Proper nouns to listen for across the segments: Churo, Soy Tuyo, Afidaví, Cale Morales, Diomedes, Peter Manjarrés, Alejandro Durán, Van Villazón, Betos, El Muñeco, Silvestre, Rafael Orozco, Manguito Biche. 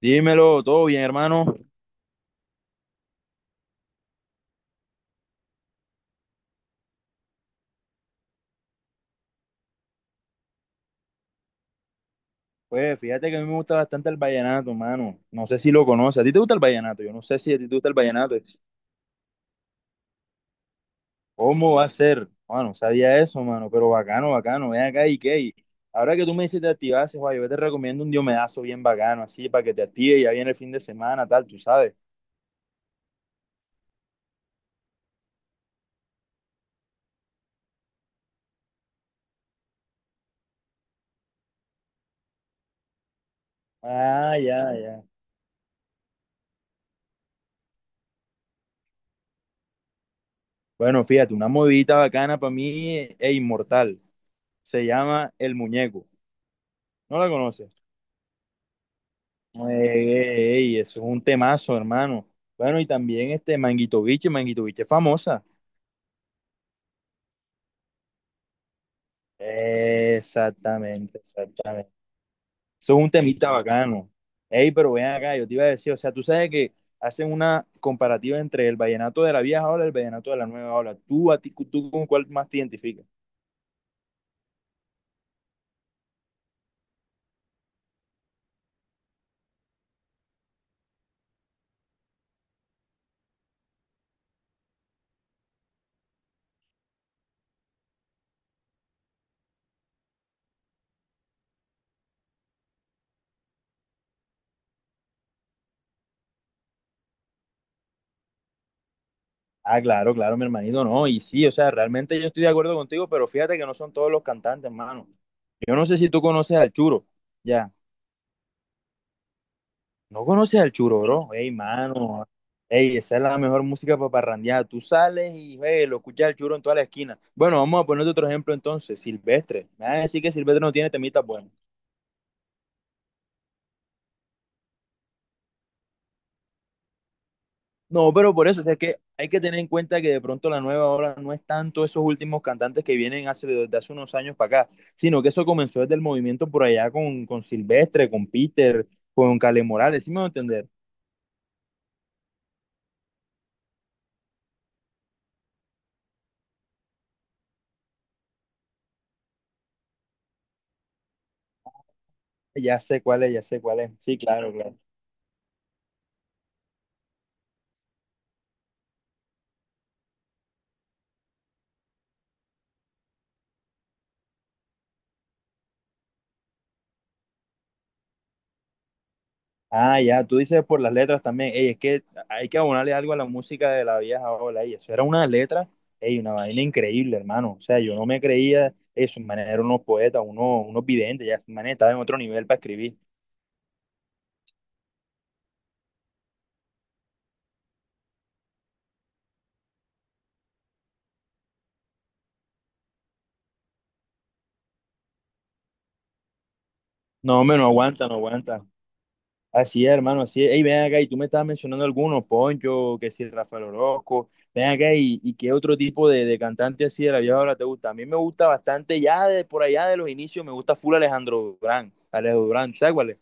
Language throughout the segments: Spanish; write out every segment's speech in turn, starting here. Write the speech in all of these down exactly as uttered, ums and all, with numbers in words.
Dímelo, todo bien, hermano. Pues fíjate que a mí me gusta bastante el vallenato, hermano. No sé si lo conoces. ¿A ti te gusta el vallenato? Yo no sé si a ti te gusta el vallenato. ¿Cómo va a ser? Bueno, sabía eso, mano, pero bacano, bacano. Ven acá y qué. Y ahora que tú me dices te activaste, guay, yo te recomiendo un diomedazo bien bacano, así, para que te active. Ya viene el fin de semana, tal, tú sabes. Ah, ya, ya. Bueno, fíjate, una movidita bacana para mí e inmortal. Se llama El Muñeco. ¿No la conoces? Ey, ey, ey, eso es un temazo, hermano. Bueno, y también este Manguito Biche, Manguito Biche es famosa. Exactamente, exactamente. Eso es un temita bacano. Ey, pero ven acá, yo te iba a decir, o sea, tú sabes que hacen una comparativa entre el vallenato de la vieja ola y el vallenato de la nueva ola. ¿Tú, a ti, tú con cuál más te identificas? Ah, claro, claro, mi hermanito, no. Y sí, o sea, realmente yo estoy de acuerdo contigo, pero fíjate que no son todos los cantantes, hermano. Yo no sé si tú conoces al Churo, ya. No conoces al Churoro. Ey, mano. Ey, esa es la mejor música para parrandear. Tú sales y ey, lo escuchas al Churo en toda la esquina. Bueno, vamos a poner otro ejemplo entonces. Silvestre. Me van a decir que Silvestre no tiene temitas buenas. No, pero por eso, o sea, es que hay que tener en cuenta que de pronto la nueva ola no es tanto esos últimos cantantes que vienen hace, desde hace unos años para acá, sino que eso comenzó desde el movimiento por allá con, con Silvestre, con Peter, con Cale Morales, ¿sí me voy a entender? Ya sé cuál es, ya sé cuál es. Sí, claro, claro. Ah, ya, tú dices por las letras también. Ey, es que hay que abonarle algo a la música de la vieja ola. Ey, eso era una letra, ey, una vaina increíble, hermano. O sea, yo no me creía eso. Manera eran unos poetas, unos, unos videntes, ya, manera, manes estaban en otro nivel para escribir. No, hombre, no aguanta, no aguanta. Así es, hermano, así es. Ey, ven acá, y tú me estabas mencionando algunos, Poncho, que si Rafael Orozco. Ven acá, y, y qué otro tipo de, de cantante así de la vieja ola te gusta. A mí me gusta bastante, ya de por allá de los inicios, me gusta full Alejandro Durán. Alejandro Durán, ¿sabes cuál es?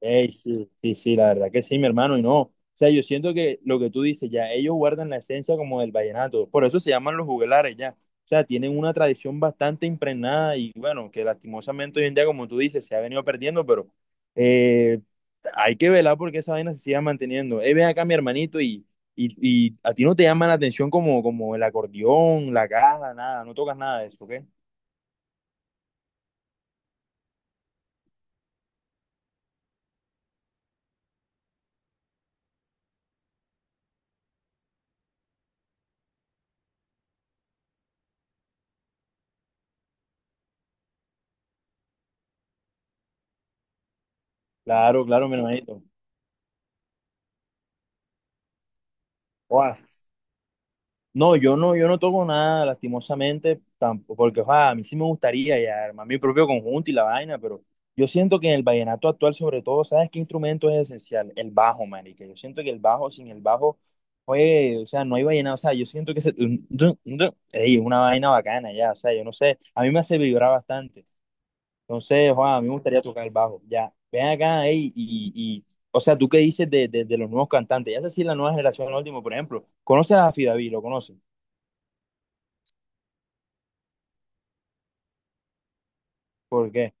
Ey, sí, sí, sí, la verdad que sí, mi hermano, y no. O sea, yo siento que lo que tú dices, ya ellos guardan la esencia como del vallenato, por eso se llaman los juglares, ya. O sea, tienen una tradición bastante impregnada y bueno, que lastimosamente hoy en día, como tú dices, se ha venido perdiendo, pero eh, hay que velar porque esa vaina se siga manteniendo. Eh, ven acá, mi hermanito, y, y, y a ti no te llama la atención como, como el acordeón, la caja, nada, no tocas nada de eso, ¿ok? Claro, claro, mi hermanito. No, yo no, yo no toco nada, lastimosamente, tampoco, porque ojalá, a mí sí me gustaría ya armar mi propio conjunto y la vaina, pero yo siento que en el vallenato actual, sobre todo, ¿sabes qué instrumento es esencial? El bajo, marica. Yo siento que el bajo, sin el bajo, oye, o sea, no hay vallenato, o sea, yo siento que se- un- dun- dun- ey, es una vaina bacana ya, o sea, yo no sé, a mí me hace vibrar bastante. Entonces, ojalá, a mí me gustaría tocar el bajo, ya. Ven acá, ey, y, y, o sea, ¿tú qué dices de, de, de los nuevos cantantes? Ya sé si la nueva generación, el último, por ejemplo, ¿conoces a David? ¿Lo conoces? ¿Por qué?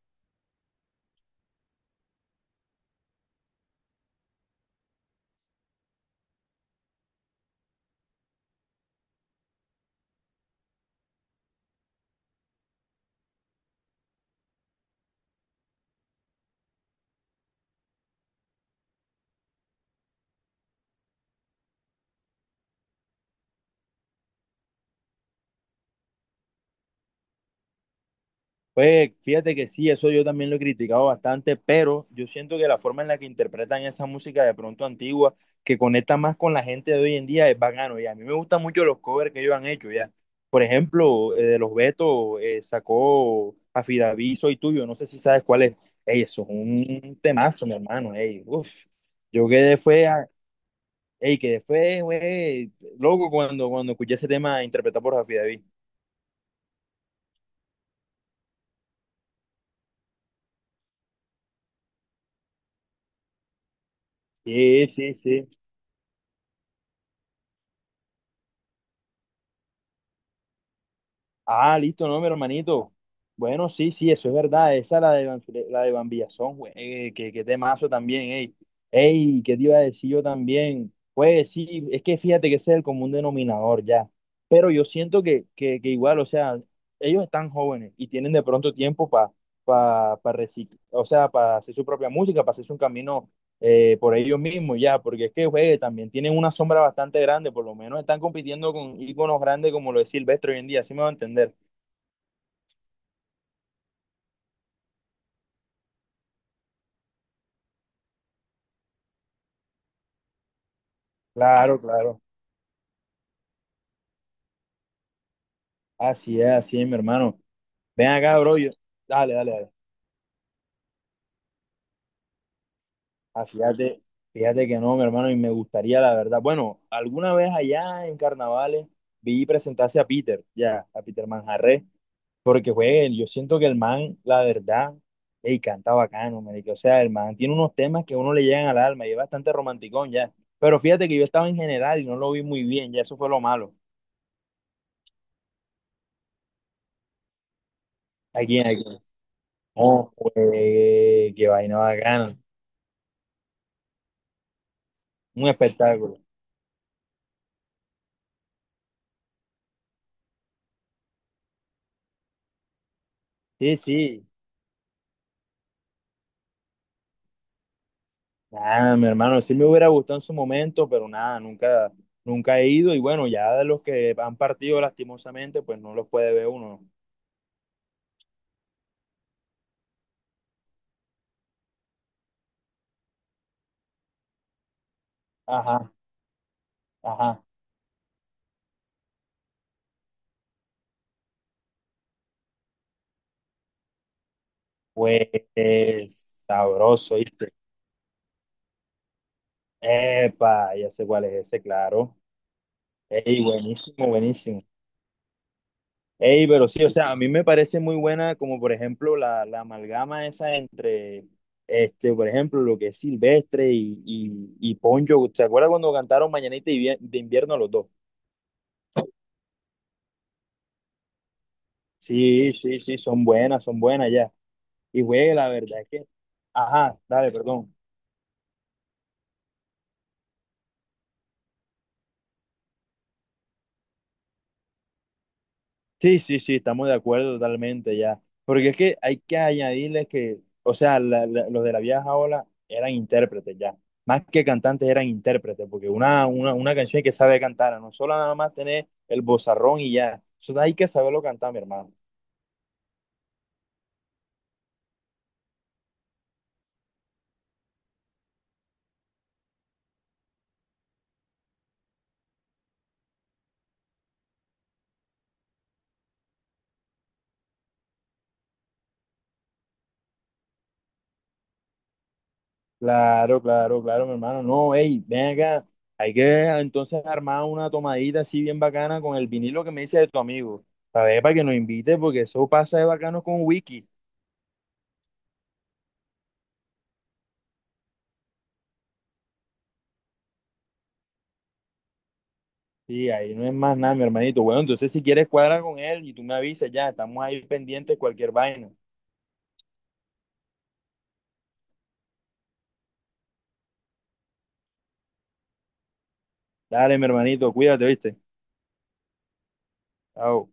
Pues fíjate que sí, eso yo también lo he criticado bastante, pero yo siento que la forma en la que interpretan esa música de pronto antigua, que conecta más con la gente de hoy en día, es bacano. Y a mí me gustan mucho los covers que ellos han hecho, ya. Por ejemplo, eh, de los Betos eh, sacó Afidaví, Soy Tuyo, no sé si sabes cuál es. Ey, eso es un temazo, mi hermano. Ey, uf. Yo quedé fue, a- Ey, quedé fue, güey, loco cuando, cuando escuché ese tema interpretado por Afidaví. Sí, sí, sí. Ah, listo, no, mi hermanito. Bueno, sí, sí, eso es verdad. Esa es la de, Van- La de Van Villazón, güey. Eh, que, que temazo también, ey. Ey, ¿qué te iba a decir yo también? Pues sí, es que fíjate que ese es el común denominador ya. Pero yo siento que, que, que igual, o sea, ellos están jóvenes y tienen de pronto tiempo para pa, pa pa recicl- o sea, para hacer su propia música, para hacerse un camino eh, por ellos mismos ya, porque es que juegue, también tienen una sombra bastante grande, por lo menos están compitiendo con íconos grandes como lo es Silvestre hoy en día, así me va a entender. Claro, claro. Así es, así es, mi hermano. Ven acá, bro. Yo- Dale, dale, dale. Ah, fíjate, fíjate que no, mi hermano, y me gustaría, la verdad. Bueno, alguna vez allá en carnavales vi presentarse a Peter, ya, a Peter Manjarrés. Porque juegue, yo siento que el man, la verdad, ey, canta bacano, marica. O sea, el man tiene unos temas que a uno le llegan al alma y es bastante romanticón ya. Pero fíjate que yo estaba en general y no lo vi muy bien, ya eso fue lo malo. Aquí, aquí. Oh, juegue, qué vaina bacana. Un espectáculo. Sí, sí. Nada, mi hermano, sí me hubiera gustado en su momento, pero nada, nunca, nunca he ido. Y bueno, ya de los que han partido lastimosamente, pues no los puede ver uno, ¿no? Ajá, ajá. Pues sabroso, ¿viste? Epa, ya sé cuál es ese, claro. Ey, buenísimo, buenísimo. Ey, pero sí, o sea, a mí me parece muy buena como por ejemplo la, la amalgama esa entre, este, por ejemplo, lo que es Silvestre y, y, y Poncho. ¿Se acuerda cuando cantaron Mañanita y Vie- de invierno los dos? Sí, sí, sí, son buenas, son buenas ya. Y güey, la verdad es que, ajá, dale, perdón. Sí, sí, sí, estamos de acuerdo totalmente ya. Porque es que hay que añadirle que, o sea, la- la- los de la vieja ola eran intérpretes ya. Más que cantantes eran intérpretes, porque una, una, una canción hay que saber cantar, no solo nada más tener el bozarrón y ya. Eso hay que saberlo cantar, mi hermano. Claro, claro, claro, mi hermano. No, hey, ven acá. Hay que entonces armar una tomadita así bien bacana con el vinilo que me dice de tu amigo. Para ver, para que nos invite, porque eso pasa de bacano con Wiki. Sí, ahí no es más nada, mi hermanito. Bueno, entonces si quieres cuadra con él y tú me avisas ya, estamos ahí pendientes de cualquier vaina. Dale, mi hermanito, cuídate, ¿viste? Chao.